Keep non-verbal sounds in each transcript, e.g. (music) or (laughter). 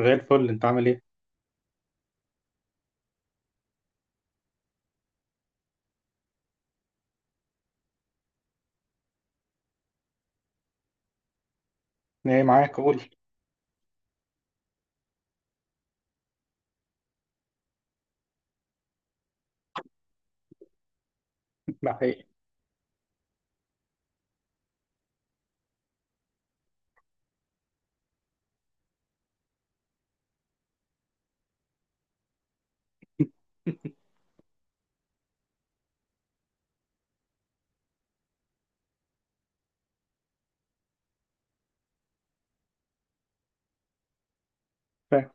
زي الفل انت عامل ايه؟ ايه معاك قول (laughs) ده حقيقي فاهم.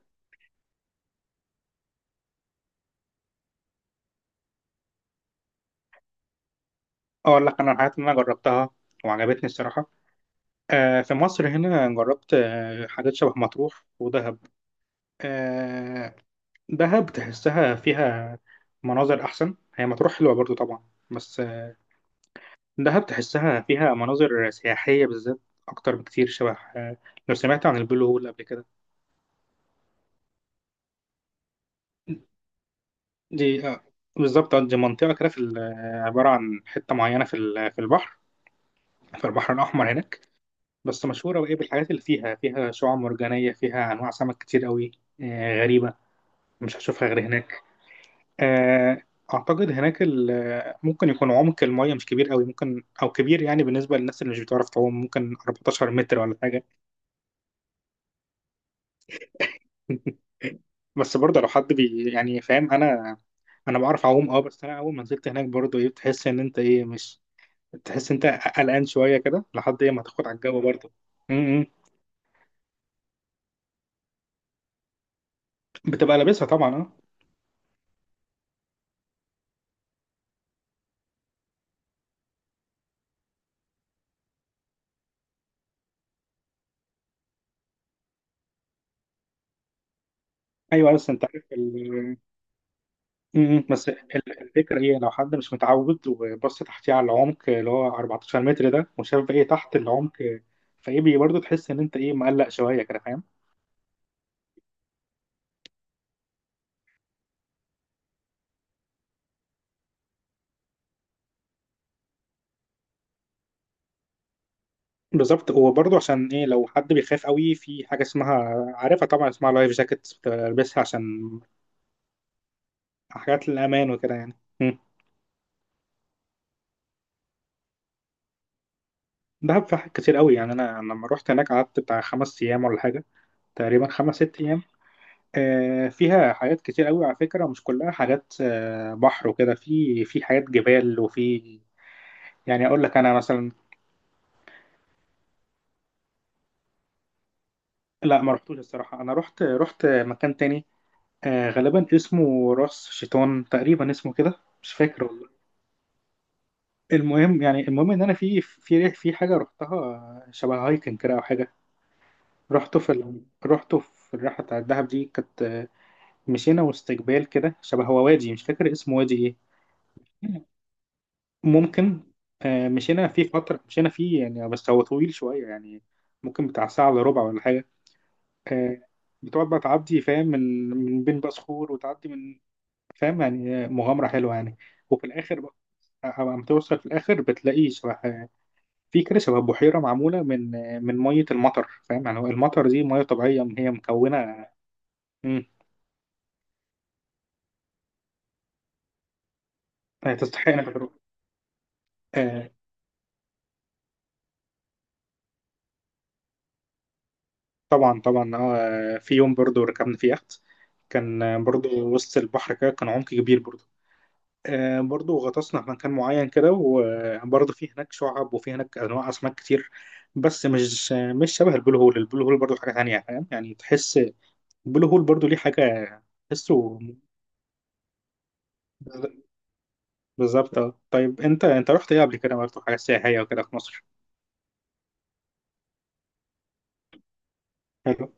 اقول لك انا الحاجات اللي انا جربتها وعجبتني الصراحه. في مصر هنا جربت حاجات شبه مطروح ودهب. آه دهب تحسها فيها مناظر احسن، هي مطروح حلوه برضو طبعا، بس دهب تحسها فيها مناظر سياحيه بالذات اكتر بكتير شبه آه لو سمعت عن البلو هول قبل كده. دي بالظبط. دي منطقه كده في عباره عن حته معينه في البحر، في البحر الاحمر هناك، بس مشهورة وإيه بالحاجات اللي فيها، فيها شعاب مرجانية، فيها أنواع سمك كتير قوي، غريبة مش هشوفها غير هناك. آه، أعتقد هناك ممكن يكون عمق المية مش كبير قوي، ممكن أو كبير يعني بالنسبة للناس اللي مش بتعرف تعوم، ممكن 14 متر ولا حاجة. (laughs) بس برضه لو حد بي يعني فاهم. أنا بعرف أعوم أه، بس أنا أول ما نزلت هناك برضه إيه بتحس إن أنت إيه مش تحس أنت قلقان شوية كده لحد إيه ما تاخد على الجو برضه. م- م. بتبقى لابسها طبعا أه. أيوه بس أنت عارف مم. الفكرة هي لو حد مش متعود وبص تحتيه على العمق اللي هو 14 متر ده، وشاف بقى ايه تحت العمق، فايه برضه تحس ان انت ايه مقلق شوية كده فاهم. بالظبط، هو برضه عشان ايه لو حد بيخاف قوي في حاجة اسمها، عارفها طبعا، اسمها لايف جاكيت، بتلبسها عشان حاجات الأمان وكده يعني. مم. دهب في حاجات كتير قوي يعني. انا لما رحت هناك قعدت بتاع خمس ايام ولا حاجة، تقريبا خمس ست ايام. فيها حاجات كتير قوي على فكرة، مش كلها حاجات بحر وكده، في حاجات جبال وفي يعني اقول لك انا مثلا. لا ما رحتوش الصراحة، انا رحت مكان تاني، غالبا اسمه راس شيطان، تقريبا اسمه كده، مش فاكر والله. المهم يعني المهم ان انا في حاجة رحتها شبه هايكنج كده او حاجة. رحته في الرحلة بتاعت الدهب دي، كانت مشينا وسط جبال كده، شبه هو وادي مش فاكر اسمه، وادي ايه، ممكن. مشينا فيه فترة، مشينا فيه يعني بس هو طويل شوية يعني، ممكن بتاع ساعة إلا ربع ولا حاجة. آه، بتقعد بقى تعدي فاهم، من بين بقى صخور وتعدي من، فاهم يعني، مغامرة حلوة يعني. وفي الآخر بقى أما توصل في الآخر بتلاقي شبه، في كده شبه بحيرة معمولة من، من مية المطر فاهم يعني، هو المطر دي مية طبيعية يعني هي مكونة. مم، تستحق إنك تروح. آه، طبعا طبعا اه، في يوم برضو ركبنا في يخت، كان برضو وسط البحر كده، كان عمق كبير برضو. برضو غطسنا في مكان معين كده، وبرضو في هناك شعاب وفي هناك انواع اسماك كتير، بس مش شبه البلو هول. البلو هول برضو حاجه تانية فاهم يعني تحس. البلو هول برضو ليه حاجه تحسه. بالظبط آه. طيب انت رحت ايه قبل كده برضو حاجه سياحيه وكده في مصر؟ حلو.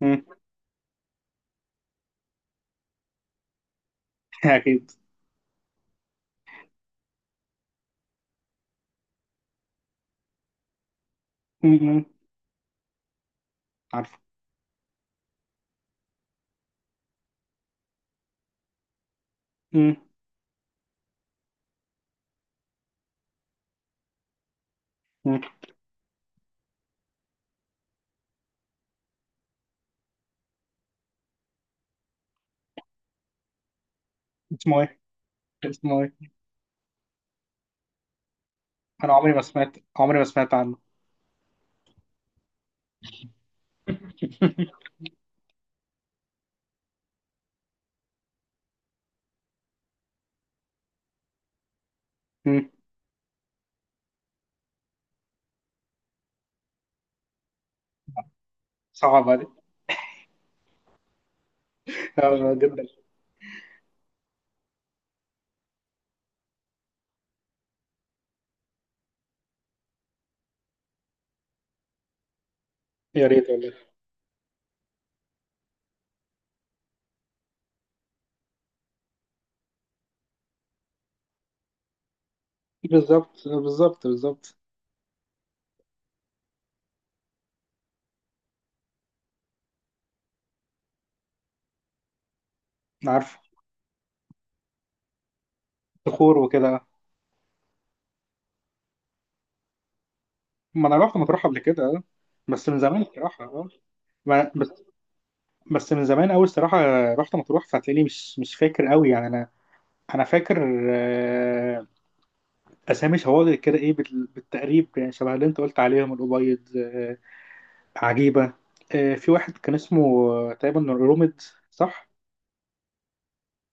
مم. (laughs) اكيد. مم. مم. عارفه. مم. مم. اسمه ايه؟ اسمه ايه؟ انا عمري ما سمعت عنه. مم. صعب عليك. (laughs) جدا. يا ريت والله. بالظبط بالظبط بالظبط. عارف صخور وكده. ما انا رحت مطروح قبل كده آه، بس من زمان الصراحه اه. ما- بس بس من زمان قوي الصراحه، رحت مطروح، فهتلاقيني مش فاكر قوي يعني. انا فاكر آه، اسامي شواطئ كده ايه بالتقريب يعني، شبه اللي انت قلت عليهم الابيض، عجيبه، في واحد كان اسمه تقريبا رومد، صح؟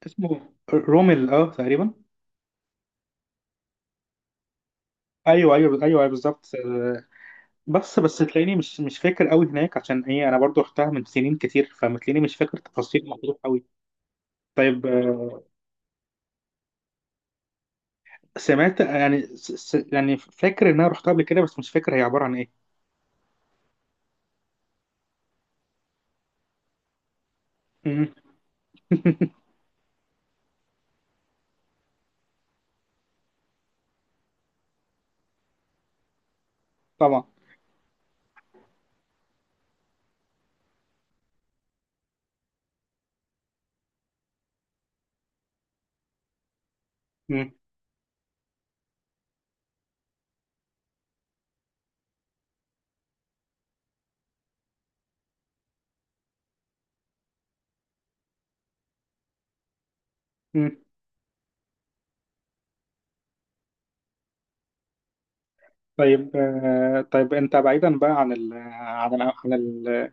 اسمه رومل اه تقريبا. ايوه ايوه ايوه أيوه، بالظبط. بس تلاقيني مش فاكر قوي هناك، عشان ايه انا برضو رحتها من سنين كتير، فمتلاقيني مش فاكر تفاصيل مطروح قوي. طيب سمعت يعني يعني فاكر ان انا رحتها قبل كده، بس مش فاكر هي عباره عن ايه. مم. (laughs) طبعا. مم. مم. طيب طيب انت بعيدا بقى عن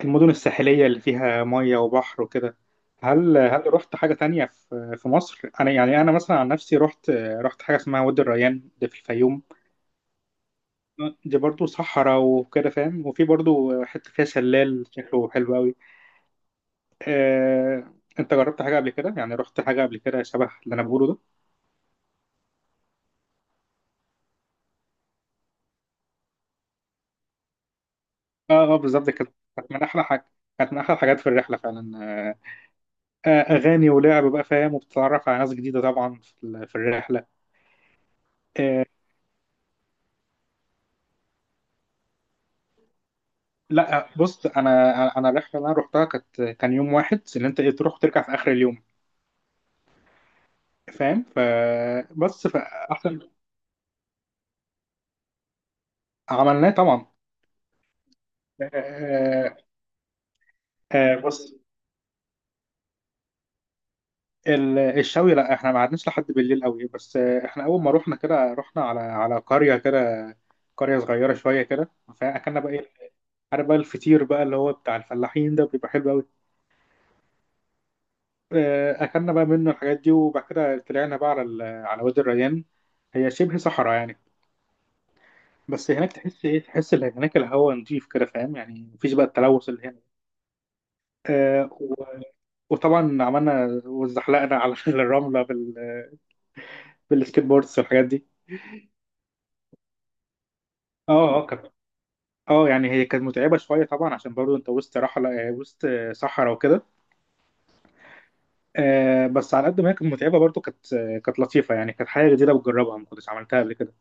المدن الساحليه اللي فيها ميه وبحر وكده، هل رحت حاجه تانية في مصر؟ انا يعني انا مثلا عن نفسي رحت، رحت حاجه اسمها وادي الريان، ده في الفيوم. دي برضو صحراء وكده فاهم، وفي برضو حته فيها شلال شكله حلو قوي. آه، انت جربت حاجه قبل كده، يعني رحت حاجه قبل كده شبه اللي انا بقوله ده؟ اه اه بالظبط كده، كانت من احلى حاجه، كانت من احلى الحاجات في الرحله فعلا آه. اغاني ولعب بقى فاهم، وبتتعرف على ناس جديده طبعا في الرحله. آه لا، بص. انا الرحله اللي انا رحتها كانت، كان يوم واحد اللي انت إيه، تروح وترجع في اخر اليوم فاهم، فبس فاحسن. عملناه طبعا. آه آه. بص. الشوي لا احنا ما قعدناش لحد بالليل قوي، بس احنا اول ما رحنا كده رحنا على على قريه كده، قريه صغيره شويه كده، فاكلنا بقى ايه، عارف بقى الفطير بقى اللي هو بتاع الفلاحين ده بيبقى حلو قوي. اكلنا بقى منه الحاجات دي، وبعد كده طلعنا بقى على على وادي الريان، هي شبه صحراء يعني. بس هناك تحس ايه، تحس ان هناك الهواء نضيف كده فاهم يعني، مفيش بقى التلوث اللي هنا. آه، و- وطبعا عملنا وزحلقنا على (laughs) الرمله بالسكيت بوردز والحاجات دي. اه اه كانت، اه يعني هي كانت متعبة شوية طبعا عشان برضو انت وسط رحلة وسط صحراء وكده. بس على قد ما هي كانت متعبة، برضو كانت كانت لطيفة يعني، كانت حاجة جديدة بتجربها ما كنتش عملتها قبل كده.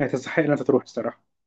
هي تستحق ان انت تروح الصراحة.